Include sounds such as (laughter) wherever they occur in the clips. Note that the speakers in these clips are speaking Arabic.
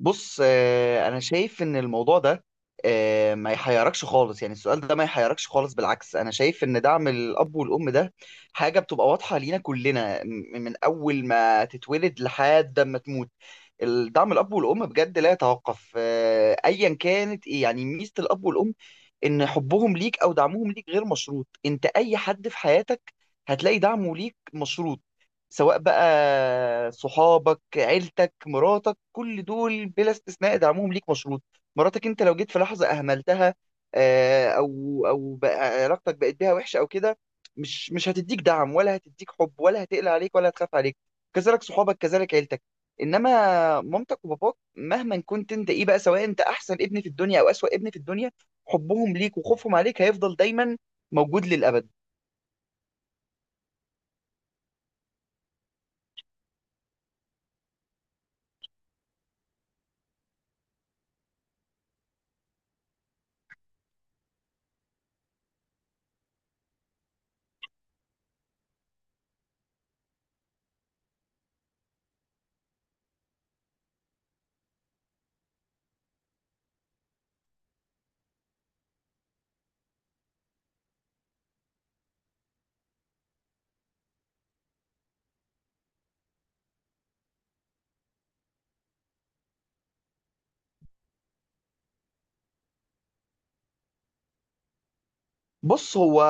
بص، انا شايف ان الموضوع ده ما يحيركش خالص. يعني السؤال ده ما يحيركش خالص. بالعكس، انا شايف ان دعم الاب والام ده حاجه بتبقى واضحه لينا كلنا من اول ما تتولد لحد ما تموت. الدعم، الاب والام بجد لا يتوقف. ايا كانت ايه يعني ميزه الاب والام، ان حبهم ليك او دعمهم ليك غير مشروط. انت اي حد في حياتك هتلاقي دعمه ليك مشروط، سواء بقى صحابك، عيلتك، مراتك، كل دول بلا استثناء دعمهم ليك مشروط. مراتك انت لو جيت في لحظة اهملتها، او بقى علاقتك بقت بيها وحشة او كده، مش هتديك دعم، ولا هتديك حب، ولا هتقلق عليك، ولا هتخاف عليك. كذلك صحابك، كذلك عيلتك. انما مامتك وباباك، مهما كنت انت ايه بقى، سواء انت احسن ابن في الدنيا او اسوأ ابن في الدنيا، حبهم ليك وخوفهم عليك هيفضل دايما موجود للأبد. بص، هو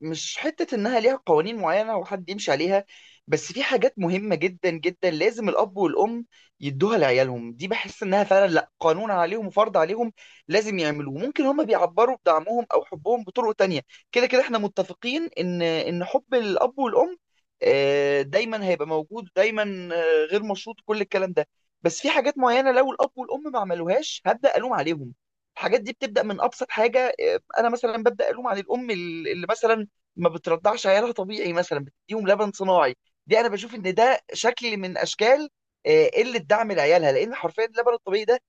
مش حتة إنها ليها قوانين معينة وحد يمشي عليها، بس في حاجات مهمة جدا جدا لازم الأب والأم يدوها لعيالهم. دي بحس إنها فعلا لأ، قانون عليهم وفرض عليهم لازم يعملوه. ممكن هما بيعبروا بدعمهم أو حبهم بطرق تانية. كده كده إحنا متفقين إن حب الأب والأم دايما هيبقى موجود، دايما غير مشروط، كل الكلام ده. بس في حاجات معينة لو الأب والأم ما عملوهاش هبدأ ألوم عليهم. الحاجات دي بتبدا من ابسط حاجه. انا مثلا ببدا الوم عن الام اللي مثلا ما بترضعش عيالها طبيعي، مثلا بتديهم لبن صناعي. دي انا بشوف ان ده شكل من اشكال قله دعم لعيالها، لان حرفيا اللبن الطبيعي ده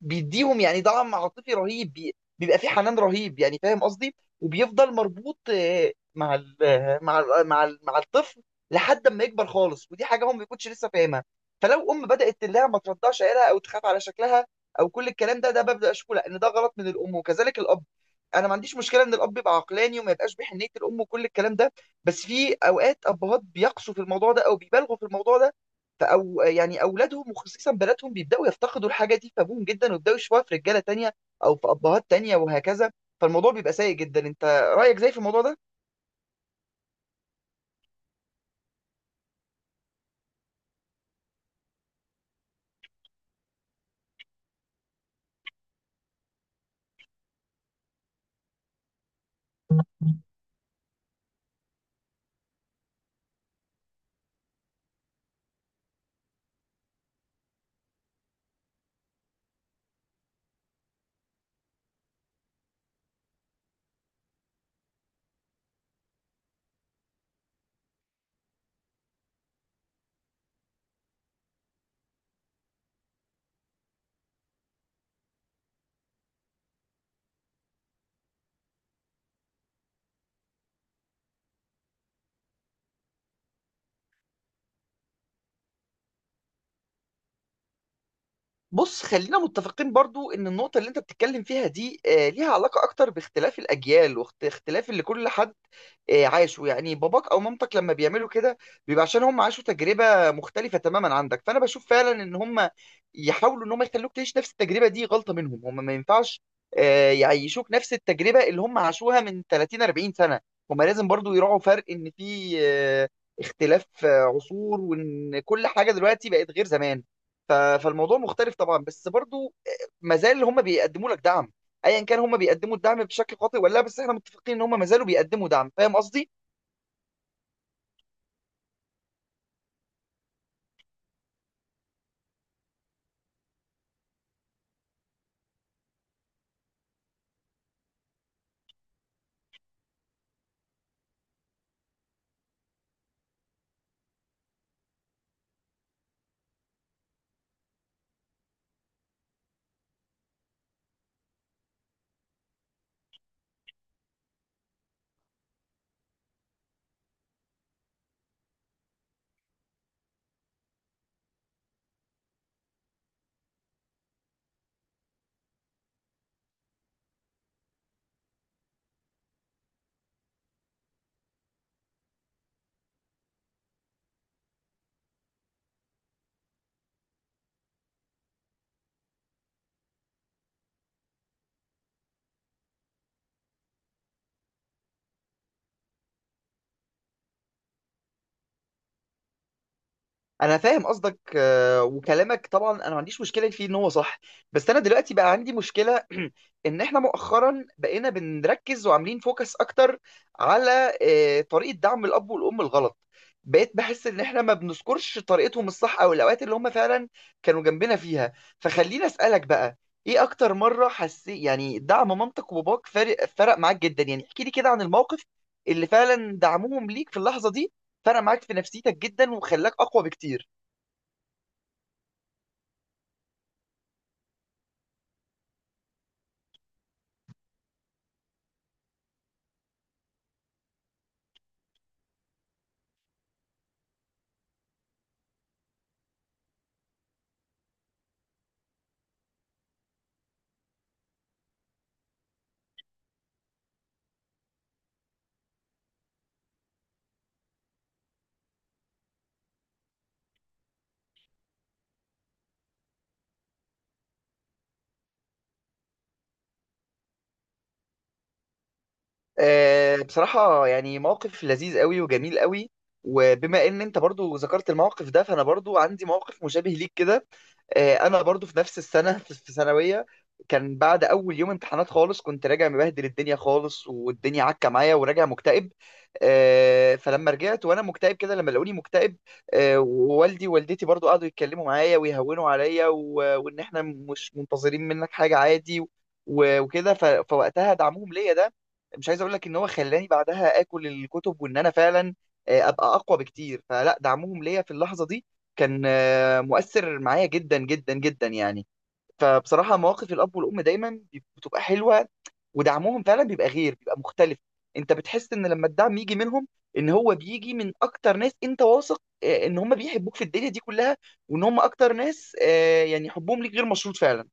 بيديهم يعني دعم عاطفي رهيب. بيبقى في حنان رهيب يعني، فاهم قصدي، وبيفضل مربوط مع الطفل لحد ما يكبر خالص. ودي حاجه هم ما بيكونش لسه فاهمها. فلو ام بدات تلاقيها ما ترضعش عيالها، او تخاف على شكلها، او كل الكلام ده ببدا اشكو لأ، ان ده غلط من الام، وكذلك الاب. انا ما عنديش مشكله ان الاب يبقى عقلاني وما يبقاش بحنيه الام وكل الكلام ده، بس في اوقات ابهات بيقصوا في الموضوع ده او بيبالغوا في الموضوع ده، يعني أولادهم وخصيصا بناتهم بيبدأوا يفتقدوا الحاجة دي في أبوهم جدا، ويبدأوا يشوفوها في رجالة تانية أو في أبهات تانية، وهكذا. فالموضوع بيبقى سيء جدا. أنت رأيك زي في الموضوع ده؟ بص، خلينا متفقين برضو ان النقطة اللي انت بتتكلم فيها دي ليها علاقة اكتر باختلاف الاجيال، واختلاف اللي كل حد عاشه. يعني باباك او مامتك لما بيعملوا كده، بيبقى عشان هم عاشوا تجربة مختلفة تماما عندك. فانا بشوف فعلا ان هم يحاولوا ان هم يخلوك تعيش نفس التجربة دي غلطة منهم. هم ما ينفعش يعيشوك نفس التجربة اللي هم عاشوها من 30 40 سنة. هم لازم برضو يراعوا فرق ان في اختلاف عصور، وان كل حاجة دلوقتي بقت غير زمان. فالموضوع مختلف طبعا، بس برضو ما زال هم بيقدموا لك دعم. ايا كان هم بيقدموا الدعم بشكل خاطئ ولا لا، بس احنا متفقين ان هم ما زالوا بيقدموا دعم، فاهم قصدي. انا فاهم قصدك وكلامك طبعا انا ما عنديش مشكله فيه ان هو صح، بس انا دلوقتي بقى عندي مشكله (clears throat) ان احنا مؤخرا بقينا بنركز وعاملين فوكس اكتر على طريقه دعم الاب والام الغلط. بقيت بحس ان احنا ما بنذكرش طريقتهم الصح او الاوقات اللي هم فعلا كانوا جنبنا فيها. فخليني اسالك بقى، ايه اكتر مره حسيت يعني دعم مامتك وباباك فرق معاك جدا؟ يعني احكي لي كده عن الموقف اللي فعلا دعمهم ليك في اللحظه دي فرق معاك في نفسيتك جدا وخلاك اقوى بكتير. بصراحة يعني موقف لذيذ قوي وجميل قوي. وبما ان انت برضو ذكرت الموقف ده، فانا برضو عندي موقف مشابه ليك كده. انا برضو في نفس السنة، في ثانوية، كان بعد اول يوم امتحانات خالص كنت راجع مبهدل الدنيا خالص، والدنيا عكة معايا، وراجع مكتئب. فلما رجعت وانا مكتئب كده، لما لقوني مكتئب ووالدي ووالدتي برضو قعدوا يتكلموا معايا ويهونوا عليا، وان احنا مش منتظرين منك حاجة عادي وكده. فوقتها دعمهم ليا ده، مش عايز اقول لك ان هو خلاني بعدها اكل الكتب وان انا فعلا ابقى اقوى بكتير، فلا، دعمهم ليا في اللحظه دي كان مؤثر معايا جدا جدا جدا يعني. فبصراحه مواقف الاب والام دايما بتبقى حلوه، ودعمهم فعلا بيبقى غير بيبقى مختلف. انت بتحس ان لما الدعم يجي منهم ان هو بيجي من اكتر ناس انت واثق ان هم بيحبوك في الدنيا دي كلها، وان هم اكتر ناس يعني حبهم ليك غير مشروط فعلا.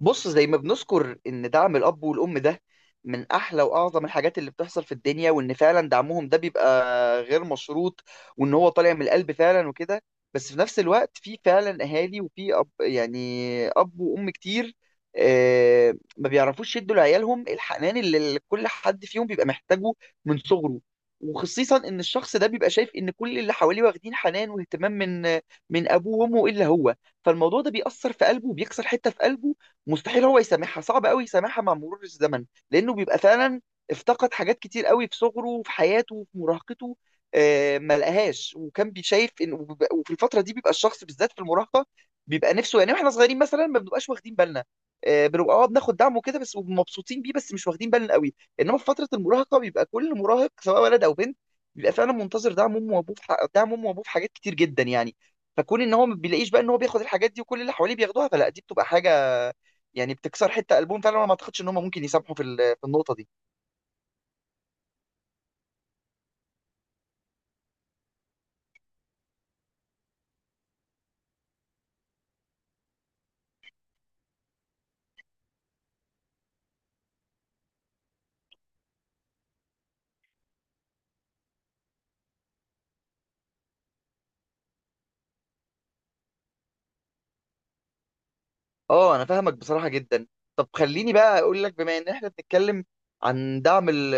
بص، زي ما بنذكر ان دعم الاب والام ده من احلى واعظم الحاجات اللي بتحصل في الدنيا، وان فعلا دعمهم ده بيبقى غير مشروط، وان هو طالع من القلب فعلا وكده، بس في نفس الوقت في فعلا اهالي وفي اب يعني، اب وام كتير ما بيعرفوش يدوا لعيالهم الحنان اللي كل حد فيهم بيبقى محتاجه من صغره. وخصيصا ان الشخص ده بيبقى شايف ان كل اللي حواليه واخدين حنان واهتمام من ابوه وامه الا هو، فالموضوع ده بيأثر في قلبه وبيكسر حتة في قلبه. مستحيل هو يسامحها، صعب قوي يسامحها مع مرور الزمن، لانه بيبقى فعلا افتقد حاجات كتير قوي في صغره وفي حياته وفي مراهقته، ما لقاهاش. وكان بيشايف ان وفي الفتره دي بيبقى الشخص، بالذات في المراهقه، بيبقى نفسه يعني. واحنا صغيرين مثلا ما بنبقاش واخدين بالنا، بنبقى اه بناخد دعم وكده بس ومبسوطين بيه، بس مش واخدين بالنا قوي. انما في فتره المراهقه بيبقى كل مراهق سواء ولد او بنت بيبقى فعلا منتظر دعم امه وابوه في حاجات كتير جدا يعني. فكون ان هو ما بيلاقيش بقى ان هو بياخد الحاجات دي وكل اللي حواليه بياخدوها، فلا دي بتبقى حاجه يعني بتكسر حته قلبهم فعلا، وانا ما اعتقدش ان هم ممكن يسامحوا في في النقطه دي. اه، انا فاهمك بصراحه جدا. طب خليني بقى اقول لك، بما ان احنا بنتكلم عن دعم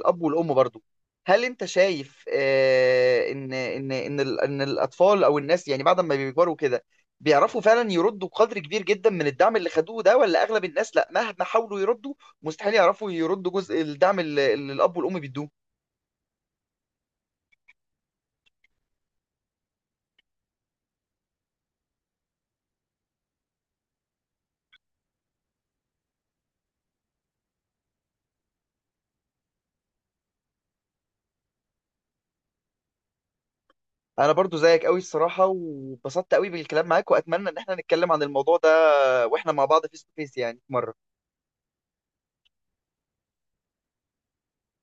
الاب والام برضو، هل انت شايف ان ان الاطفال او الناس يعني بعد ما بيكبروا كده بيعرفوا فعلا يردوا قدر كبير جدا من الدعم اللي خدوه ده، ولا اغلب الناس لا، مهما حاولوا يردوا مستحيل يعرفوا يردوا جزء الدعم اللي الاب والام بيدوه؟ انا برضو زيك قوي الصراحه، وبسطت قوي بالكلام معاك، واتمنى ان احنا نتكلم عن الموضوع ده واحنا مع بعض فيس تو فيس يعني في مره.